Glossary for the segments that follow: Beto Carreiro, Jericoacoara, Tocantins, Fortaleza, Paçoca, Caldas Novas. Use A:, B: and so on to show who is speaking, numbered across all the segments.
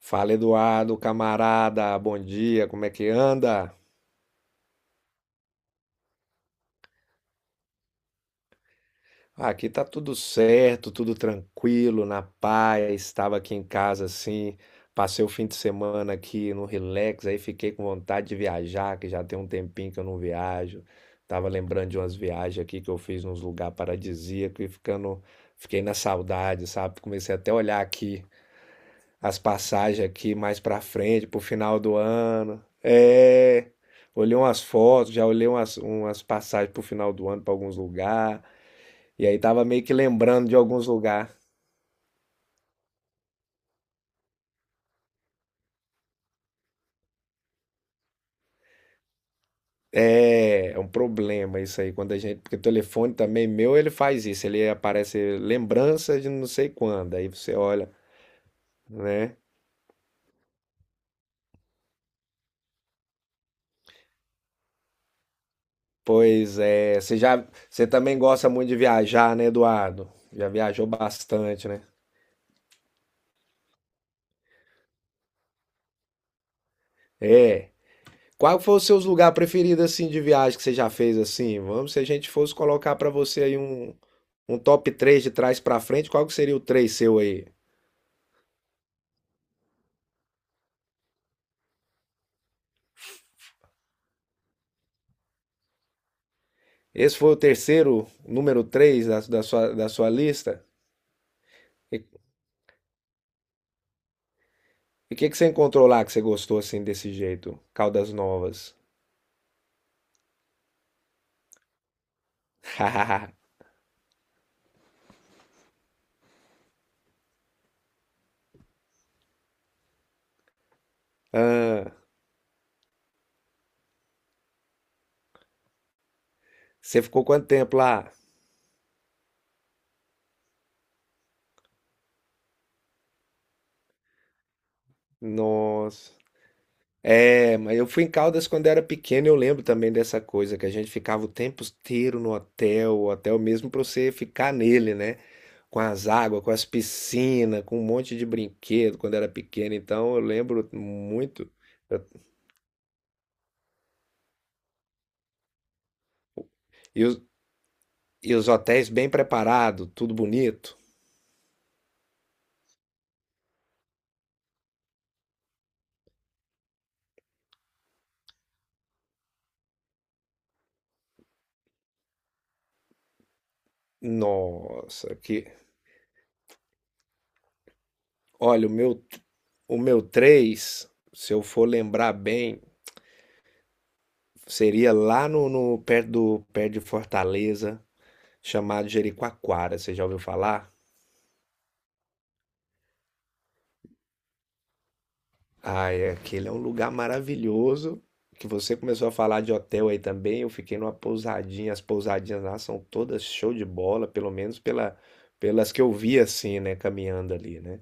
A: Fala Eduardo, camarada, bom dia, como é que anda? Ah, aqui tá tudo certo, tudo tranquilo, na paz. Estava aqui em casa assim, passei o fim de semana aqui no relax, aí fiquei com vontade de viajar, que já tem um tempinho que eu não viajo. Tava lembrando de umas viagens aqui que eu fiz nos lugares paradisíacos e fiquei na saudade, sabe? Comecei até a olhar aqui as passagens aqui mais para frente, pro final do ano. É, olhei umas fotos, já olhei umas passagens pro final do ano para alguns lugares. E aí tava meio que lembrando de alguns lugares. É um problema isso aí quando a gente, porque o telefone também meu, ele faz isso, ele aparece lembrança de não sei quando, aí você olha, né? Pois é, você também gosta muito de viajar, né, Eduardo? Já viajou bastante, né? É. Qual foi o seu lugar preferido assim de viagem que você já fez assim? Vamos, se a gente fosse colocar pra você aí um top três de trás pra frente, qual que seria o 3 seu aí? Esse foi o terceiro, número 3 da sua lista? E o que que você encontrou lá que você gostou assim desse jeito? Caldas Novas. Você ficou quanto tempo lá? Nossa. É, mas eu fui em Caldas quando era pequeno, eu lembro também dessa coisa, que a gente ficava o tempo inteiro no hotel, o hotel mesmo para você ficar nele, né? Com as águas, com as piscinas, com um monte de brinquedo quando era pequeno, então eu lembro muito. E os, e os hotéis bem preparados, tudo bonito. Nossa, que. Olha, o meu três, se eu for lembrar bem, seria lá perto de Fortaleza, chamado Jericoacoara. Você já ouviu falar? Ai, aquele é um lugar maravilhoso. Que você começou a falar de hotel aí também. Eu fiquei numa pousadinha. As pousadinhas lá são todas show de bola, pelo menos pelas que eu vi assim, né? Caminhando ali, né?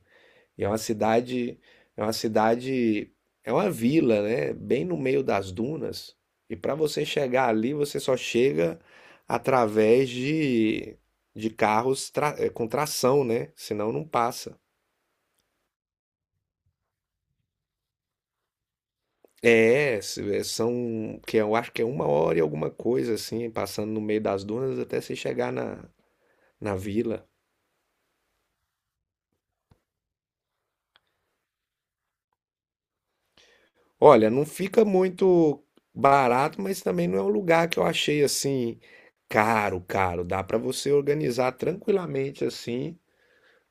A: E é uma cidade, é uma cidade, é uma vila, né? Bem no meio das dunas. E para você chegar ali, você só chega através de carros com tração, né? Senão não passa. Que eu acho que é uma hora e alguma coisa assim, passando no meio das dunas até você chegar na vila. Olha, não fica muito barato, mas também não é um lugar que eu achei assim caro, caro. Dá pra você organizar tranquilamente assim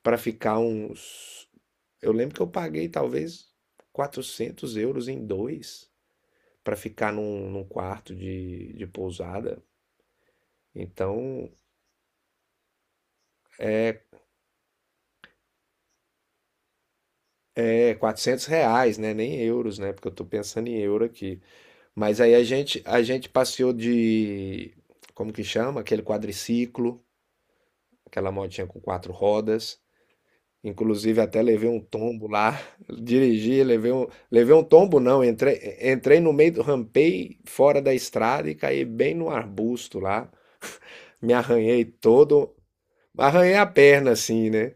A: pra ficar uns. Eu lembro que eu paguei talvez 400 euros em dois pra ficar num quarto de pousada. Então, é R$ 400, né? Nem euros, né? Porque eu tô pensando em euro aqui. Mas aí a gente passeou de, como que chama? Aquele quadriciclo, aquela motinha com quatro rodas. Inclusive até levei um tombo lá, dirigi, levei um tombo não, entrei no meio, rampei fora da estrada e caí bem no arbusto lá. Me arranhei todo, arranhei a perna assim, né?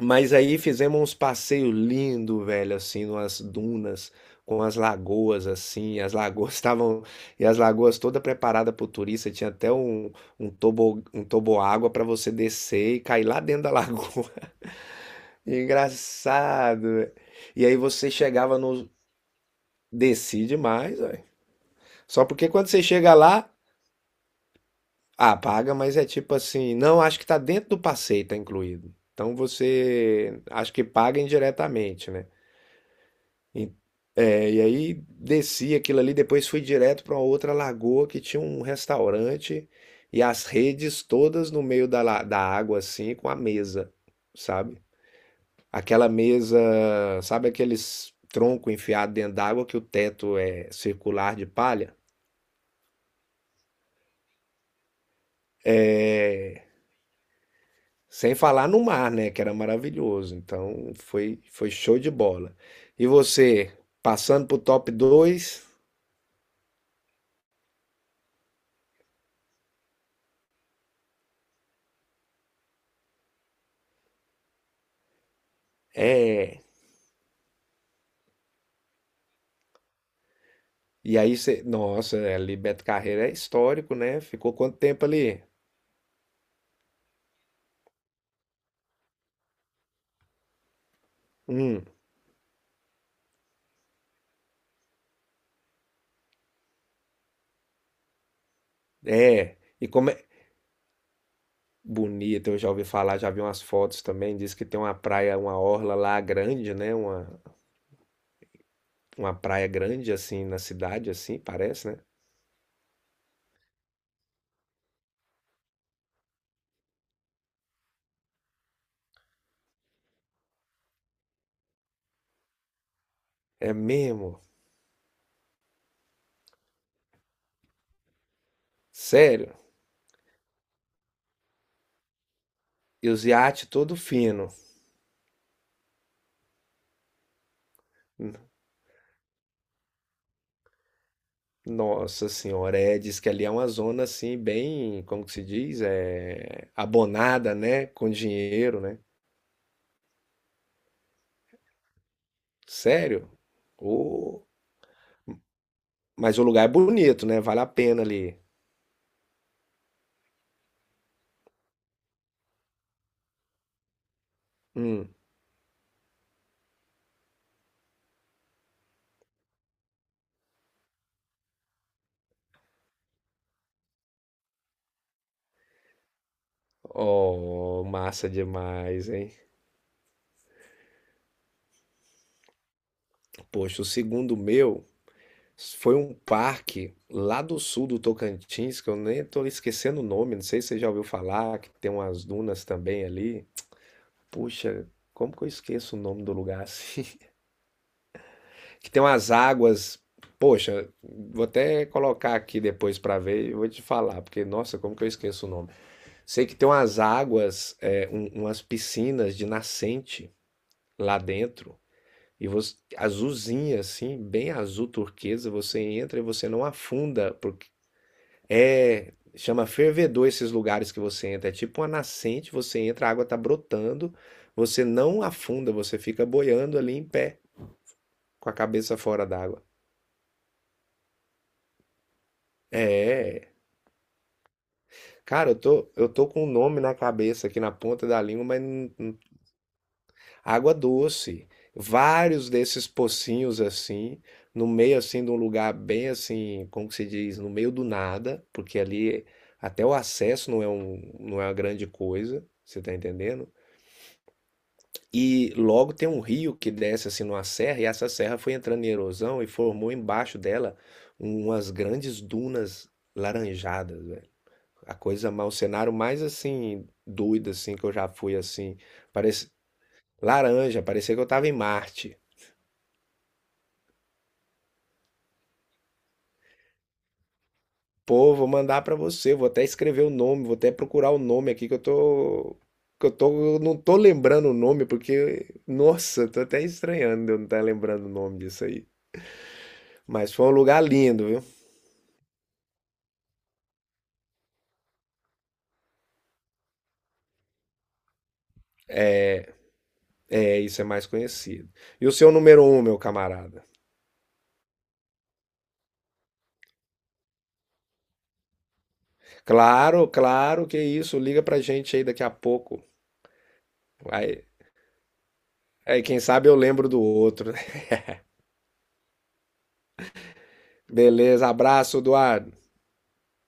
A: Mas aí fizemos uns passeios lindos, velho, assim, numas dunas, com as lagoas, assim, as lagoas estavam, e as lagoas toda preparada para o turista, tinha até um toboágua para você descer e cair lá dentro da lagoa. Engraçado, velho. E aí você chegava no... Desci demais, velho. Só porque quando você chega lá, ah, paga, mas é tipo assim, não, acho que tá dentro do passeio, tá incluído. Então você, acho que paga indiretamente, né? E, e aí desci aquilo ali, depois fui direto para outra lagoa que tinha um restaurante e as redes todas no meio da água, assim, com a mesa, sabe? Aquela mesa, sabe aqueles tronco enfiado dentro d'água que o teto é circular de palha? É, sem falar no mar, né? Que era maravilhoso. Então foi show de bola. E você, passando pro top dois. é E aí você. Nossa, ali Beto Carreiro é histórico, né? Ficou quanto tempo ali? Hum, é. E como é. Bonito, eu já ouvi falar, já vi umas fotos também. Diz que tem uma praia, uma orla lá grande, né? Uma praia grande, assim, na cidade, assim, parece, né? É mesmo? Sério? E os iates todo fino. Nossa senhora, é, diz que ali é uma zona, assim, bem, como que se diz? É, abonada, né? Com dinheiro, né? Sério? Ô, mas o lugar é bonito, né? Vale a pena ali. Hum. Oh, massa demais, hein? Poxa, o segundo meu foi um parque lá do sul do Tocantins, que eu nem tô esquecendo o nome, não sei se você já ouviu falar, que tem umas dunas também ali. Puxa, como que eu esqueço o nome do lugar assim? Que tem umas águas. Poxa, vou até colocar aqui depois pra ver e vou te falar, porque nossa, como que eu esqueço o nome? Sei que tem umas águas, umas piscinas de nascente, lá dentro, e você azulzinha assim, bem azul turquesa, você entra e você não afunda, porque é chama fervedor esses lugares que você entra, é tipo uma nascente, você entra, a água tá brotando, você não afunda, você fica boiando ali em pé, com a cabeça fora d'água. É, cara, eu tô com um nome na cabeça aqui na ponta da língua, mas não água doce, vários desses pocinhos assim, no meio assim de um lugar bem assim, como que se diz, no meio do nada, porque ali até o acesso não é um, não é uma grande coisa, você tá entendendo? E logo tem um rio que desce assim numa serra e essa serra foi entrando em erosão e formou embaixo dela umas grandes dunas laranjadas, velho. O cenário mais assim doido assim que eu já fui assim, parece laranja, parecia que eu tava em Marte. Pô, vou mandar pra você, vou até escrever o nome, vou até procurar o nome aqui que eu tô não tô lembrando o nome porque nossa, tô até estranhando de eu não estar lembrando o nome disso aí. Mas foi um lugar lindo, viu? É, isso é mais conhecido. E o seu número um, meu camarada? Claro, claro que é isso. Liga pra gente aí daqui a pouco. Aí, aí quem sabe eu lembro do outro, né? Beleza, abraço, Eduardo.